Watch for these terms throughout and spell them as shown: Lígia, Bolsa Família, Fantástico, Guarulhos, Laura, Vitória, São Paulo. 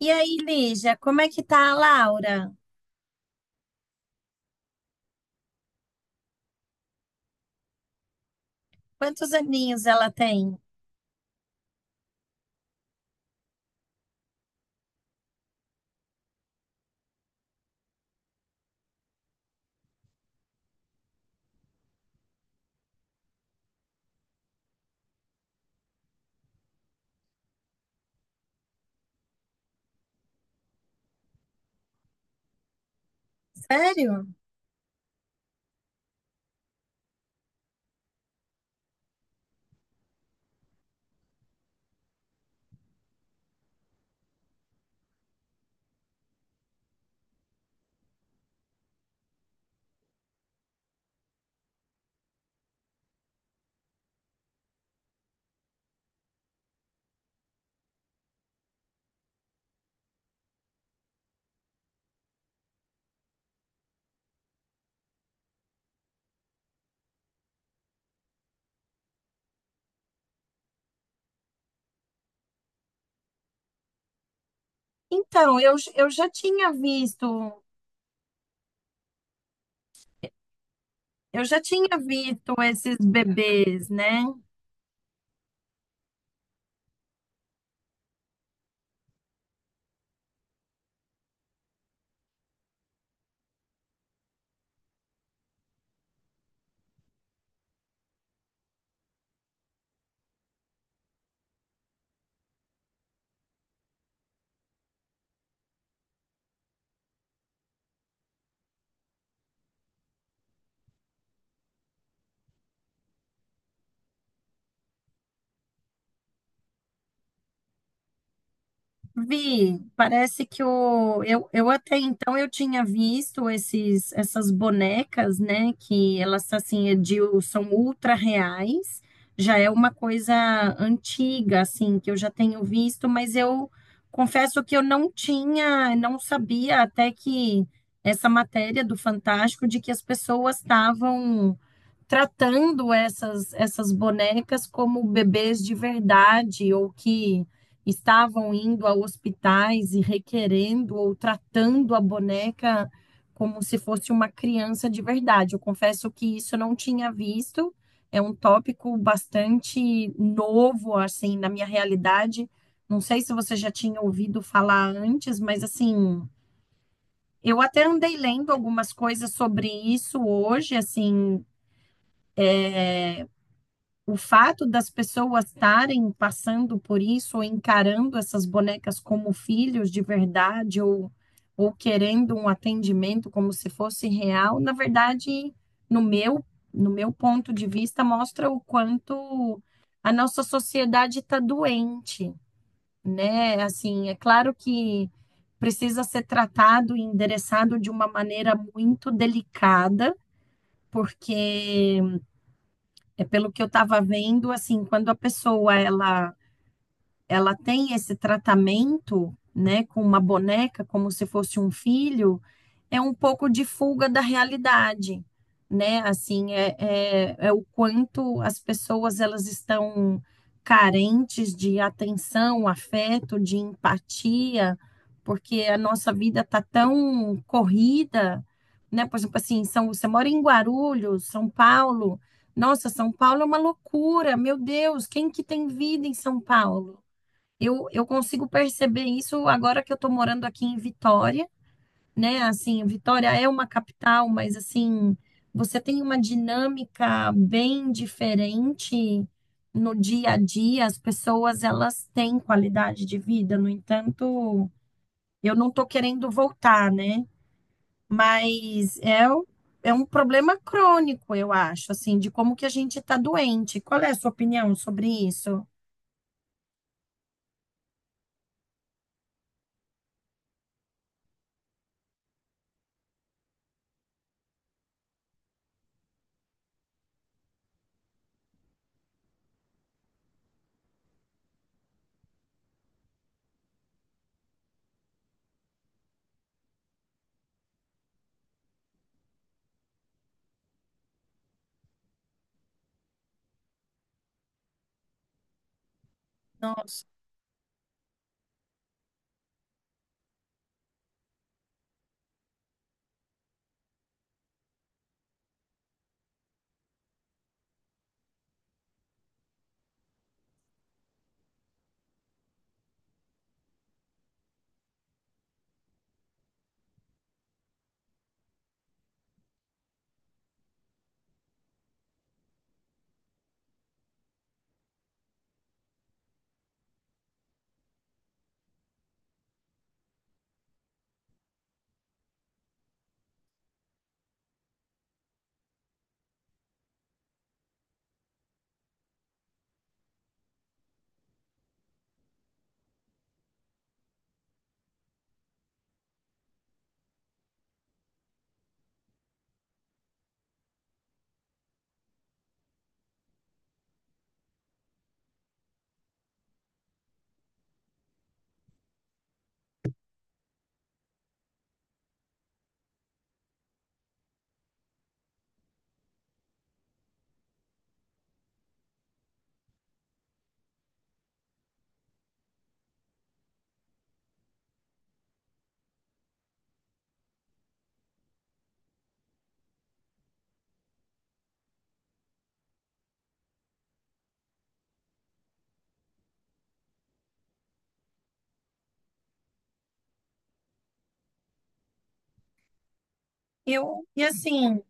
E aí, Lígia, como é que tá a Laura? Quantos aninhos ela tem? Sério? Então, eu já tinha visto, eu já tinha visto esses bebês, né? Vi, parece que o, eu até então eu tinha visto essas bonecas, né? Que elas assim são ultra reais. Já é uma coisa antiga, assim, que eu já tenho visto, mas eu confesso que eu não tinha, não sabia até que essa matéria do Fantástico de que as pessoas estavam tratando essas bonecas como bebês de verdade ou que estavam indo a hospitais e requerendo ou tratando a boneca como se fosse uma criança de verdade. Eu confesso que isso eu não tinha visto. É um tópico bastante novo assim na minha realidade. Não sei se você já tinha ouvido falar antes, mas assim, eu até andei lendo algumas coisas sobre isso hoje, assim, o fato das pessoas estarem passando por isso, ou encarando essas bonecas como filhos de verdade, ou querendo um atendimento como se fosse real, na verdade, no meu, no meu ponto de vista, mostra o quanto a nossa sociedade está doente, né? Assim, é claro que precisa ser tratado e endereçado de uma maneira muito delicada, porque é pelo que eu estava vendo, assim, quando a pessoa ela tem esse tratamento, né, com uma boneca como se fosse um filho, é um pouco de fuga da realidade, né? Assim, é o quanto as pessoas elas estão carentes de atenção, afeto, de empatia, porque a nossa vida tá tão corrida, né? Por exemplo, assim, são, você mora em Guarulhos, São Paulo. Nossa, São Paulo é uma loucura. Meu Deus, quem que tem vida em São Paulo? Eu consigo perceber isso agora que eu estou morando aqui em Vitória, né? Assim, Vitória é uma capital, mas assim, você tem uma dinâmica bem diferente no dia a dia. As pessoas, elas têm qualidade de vida. No entanto, eu não estou querendo voltar, né? Mas é um problema crônico, eu acho, assim, de como que a gente está doente. Qual é a sua opinião sobre isso? Nossa. Eu, e assim,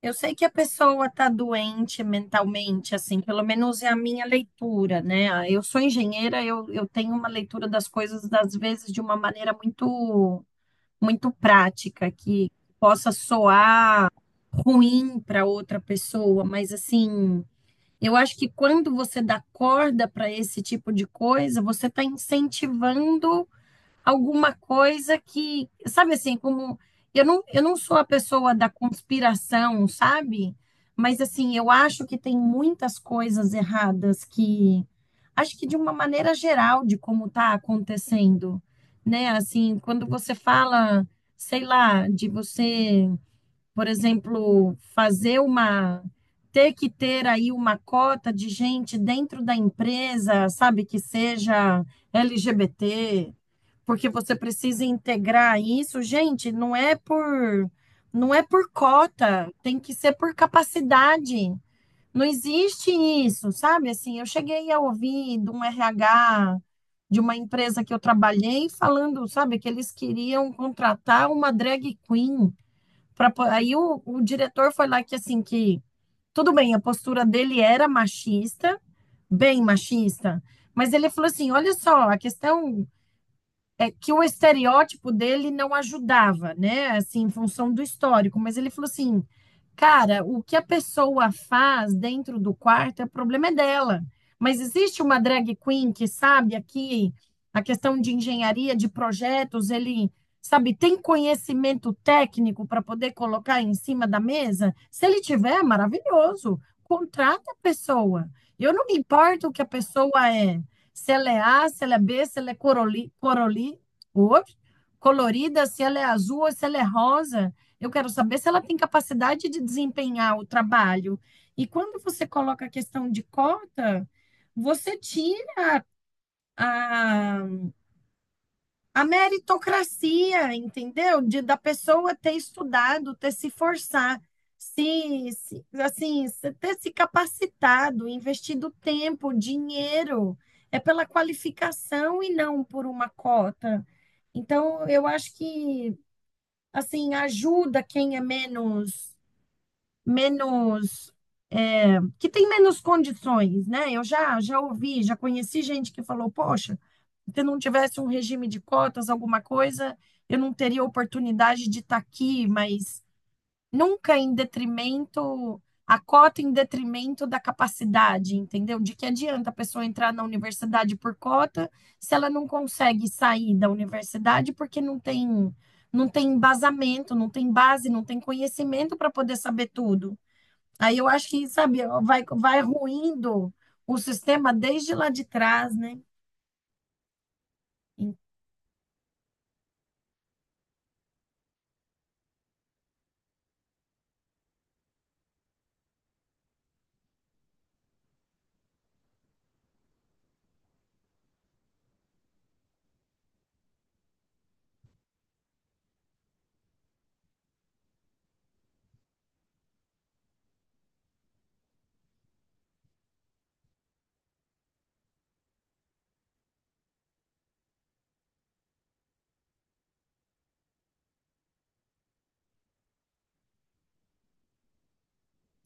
eu sei que a pessoa está doente mentalmente, assim, pelo menos é a minha leitura, né? Eu sou engenheira, eu tenho uma leitura das coisas, às vezes, de uma maneira muito, muito prática, que possa soar ruim para outra pessoa, mas, assim, eu acho que quando você dá corda para esse tipo de coisa, você está incentivando alguma coisa que, sabe assim, como eu não sou a pessoa da conspiração, sabe? Mas assim, eu acho que tem muitas coisas erradas que acho que de uma maneira geral de como está acontecendo, né? Assim, quando você fala, sei lá, de você por exemplo, fazer uma ter que ter aí uma cota de gente dentro da empresa, sabe, que seja LGBT, porque você precisa integrar isso. Gente, não é por cota, tem que ser por capacidade. Não existe isso, sabe? Assim, eu cheguei a ouvir de um RH de uma empresa que eu trabalhei falando, sabe, que eles queriam contratar uma drag queen aí o diretor foi lá que assim que tudo bem, a postura dele era machista, bem machista, mas ele falou assim: olha só, a questão é que o estereótipo dele não ajudava, né? Assim, em função do histórico, mas ele falou assim: "Cara, o que a pessoa faz dentro do quarto, o problema é dela. Mas existe uma drag queen que sabe aqui a questão de engenharia, de projetos, ele sabe, tem conhecimento técnico para poder colocar em cima da mesa? Se ele tiver, maravilhoso. Contrata a pessoa. Eu não me importo o que a pessoa é, se ela é A, se ela é B, se ela é cor, colorida, se ela é azul ou se ela é rosa. Eu quero saber se ela tem capacidade de desempenhar o trabalho. E quando você coloca a questão de cota, você tira a a meritocracia, entendeu? De, da pessoa ter estudado, ter se forçar, assim, ter se capacitado, investido tempo, dinheiro, é pela qualificação e não por uma cota. Então, eu acho que assim ajuda quem é menos menos é, que tem menos condições, né? Eu já ouvi, já conheci gente que falou, poxa, se eu não tivesse um regime de cotas, alguma coisa, eu não teria oportunidade de estar aqui, mas nunca em detrimento, a cota em detrimento da capacidade, entendeu? De que adianta a pessoa entrar na universidade por cota se ela não consegue sair da universidade porque não tem, não tem embasamento, não tem base, não tem conhecimento para poder saber tudo. Aí eu acho que, sabe, vai ruindo o sistema desde lá de trás, né?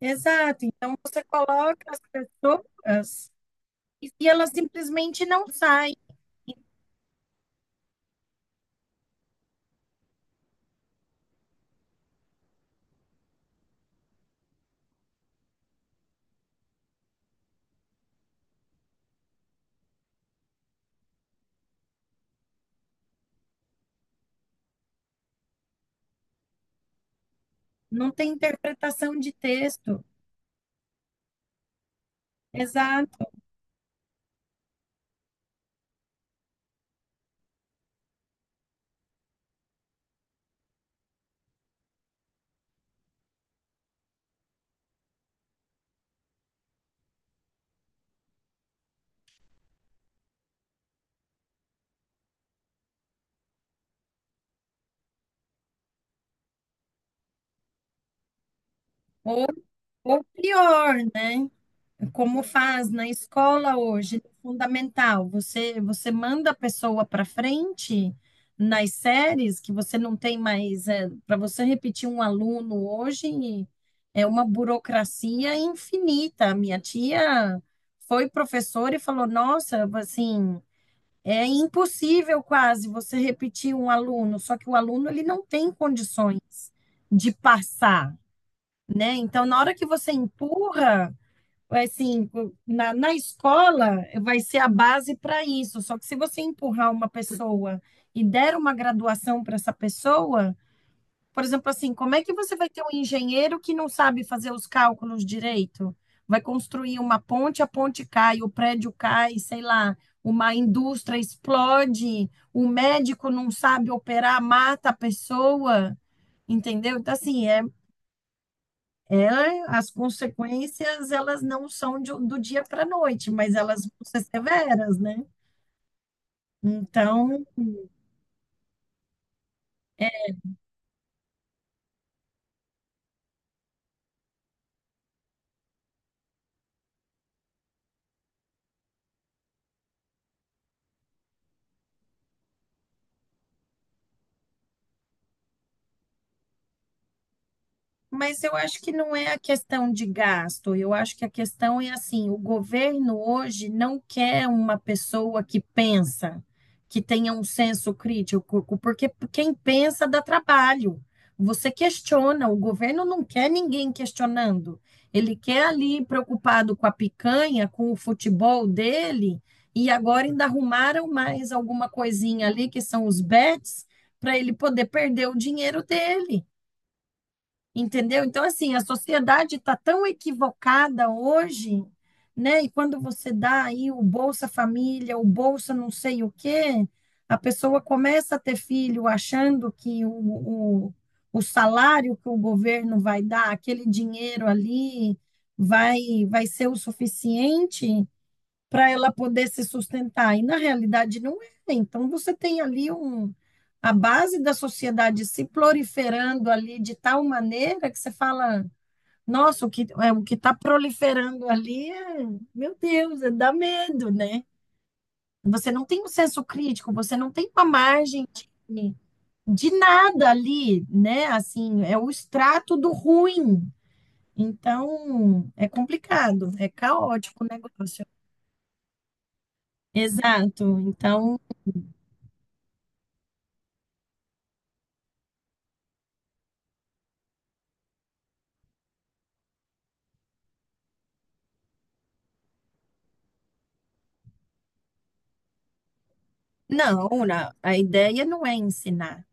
Exato. Então você coloca as pessoas e elas simplesmente não saem, não tem interpretação de texto. Exato. Ou, ou pior, né? Como faz na escola hoje, é fundamental. Você manda a pessoa para frente nas séries, que você não tem mais. É, para você repetir um aluno hoje, é uma burocracia infinita. A minha tia foi professora e falou: Nossa, assim. É impossível quase você repetir um aluno, só que o aluno ele não tem condições de passar, né? Então, na hora que você empurra, é, assim, na escola vai ser a base para isso. Só que se você empurrar uma pessoa e der uma graduação para essa pessoa, por exemplo, assim, como é que você vai ter um engenheiro que não sabe fazer os cálculos direito? Vai construir uma ponte, a ponte cai, o prédio cai, sei lá, uma indústria explode, o médico não sabe operar, mata a pessoa, entendeu? Então, assim, é, as consequências, elas não são do dia para a noite, mas elas vão ser severas, né? Então, mas eu acho que não é a questão de gasto, eu acho que a questão é assim: o governo hoje não quer uma pessoa que pensa, que tenha um senso crítico, porque quem pensa dá trabalho. Você questiona, o governo não quer ninguém questionando. Ele quer ali preocupado com a picanha, com o futebol dele, e agora ainda arrumaram mais alguma coisinha ali, que são os bets, para ele poder perder o dinheiro dele. Entendeu? Então, assim, a sociedade está tão equivocada hoje, né? E quando você dá aí o Bolsa Família, o Bolsa não sei o quê, a pessoa começa a ter filho achando que o, o salário que o governo vai dar, aquele dinheiro ali, vai, vai ser o suficiente, para ela poder se sustentar. E na realidade não é. Né? Então você tem ali um, a base da sociedade se proliferando ali de tal maneira que você fala, nossa, o que é, o que está proliferando ali é, meu Deus, é, dá medo, né? Você não tem um senso crítico, você não tem uma margem de, de nada ali, né? Assim, é o extrato do ruim. Então, é complicado, é caótico o negócio. Exato. Então, não, a ideia não é ensinar.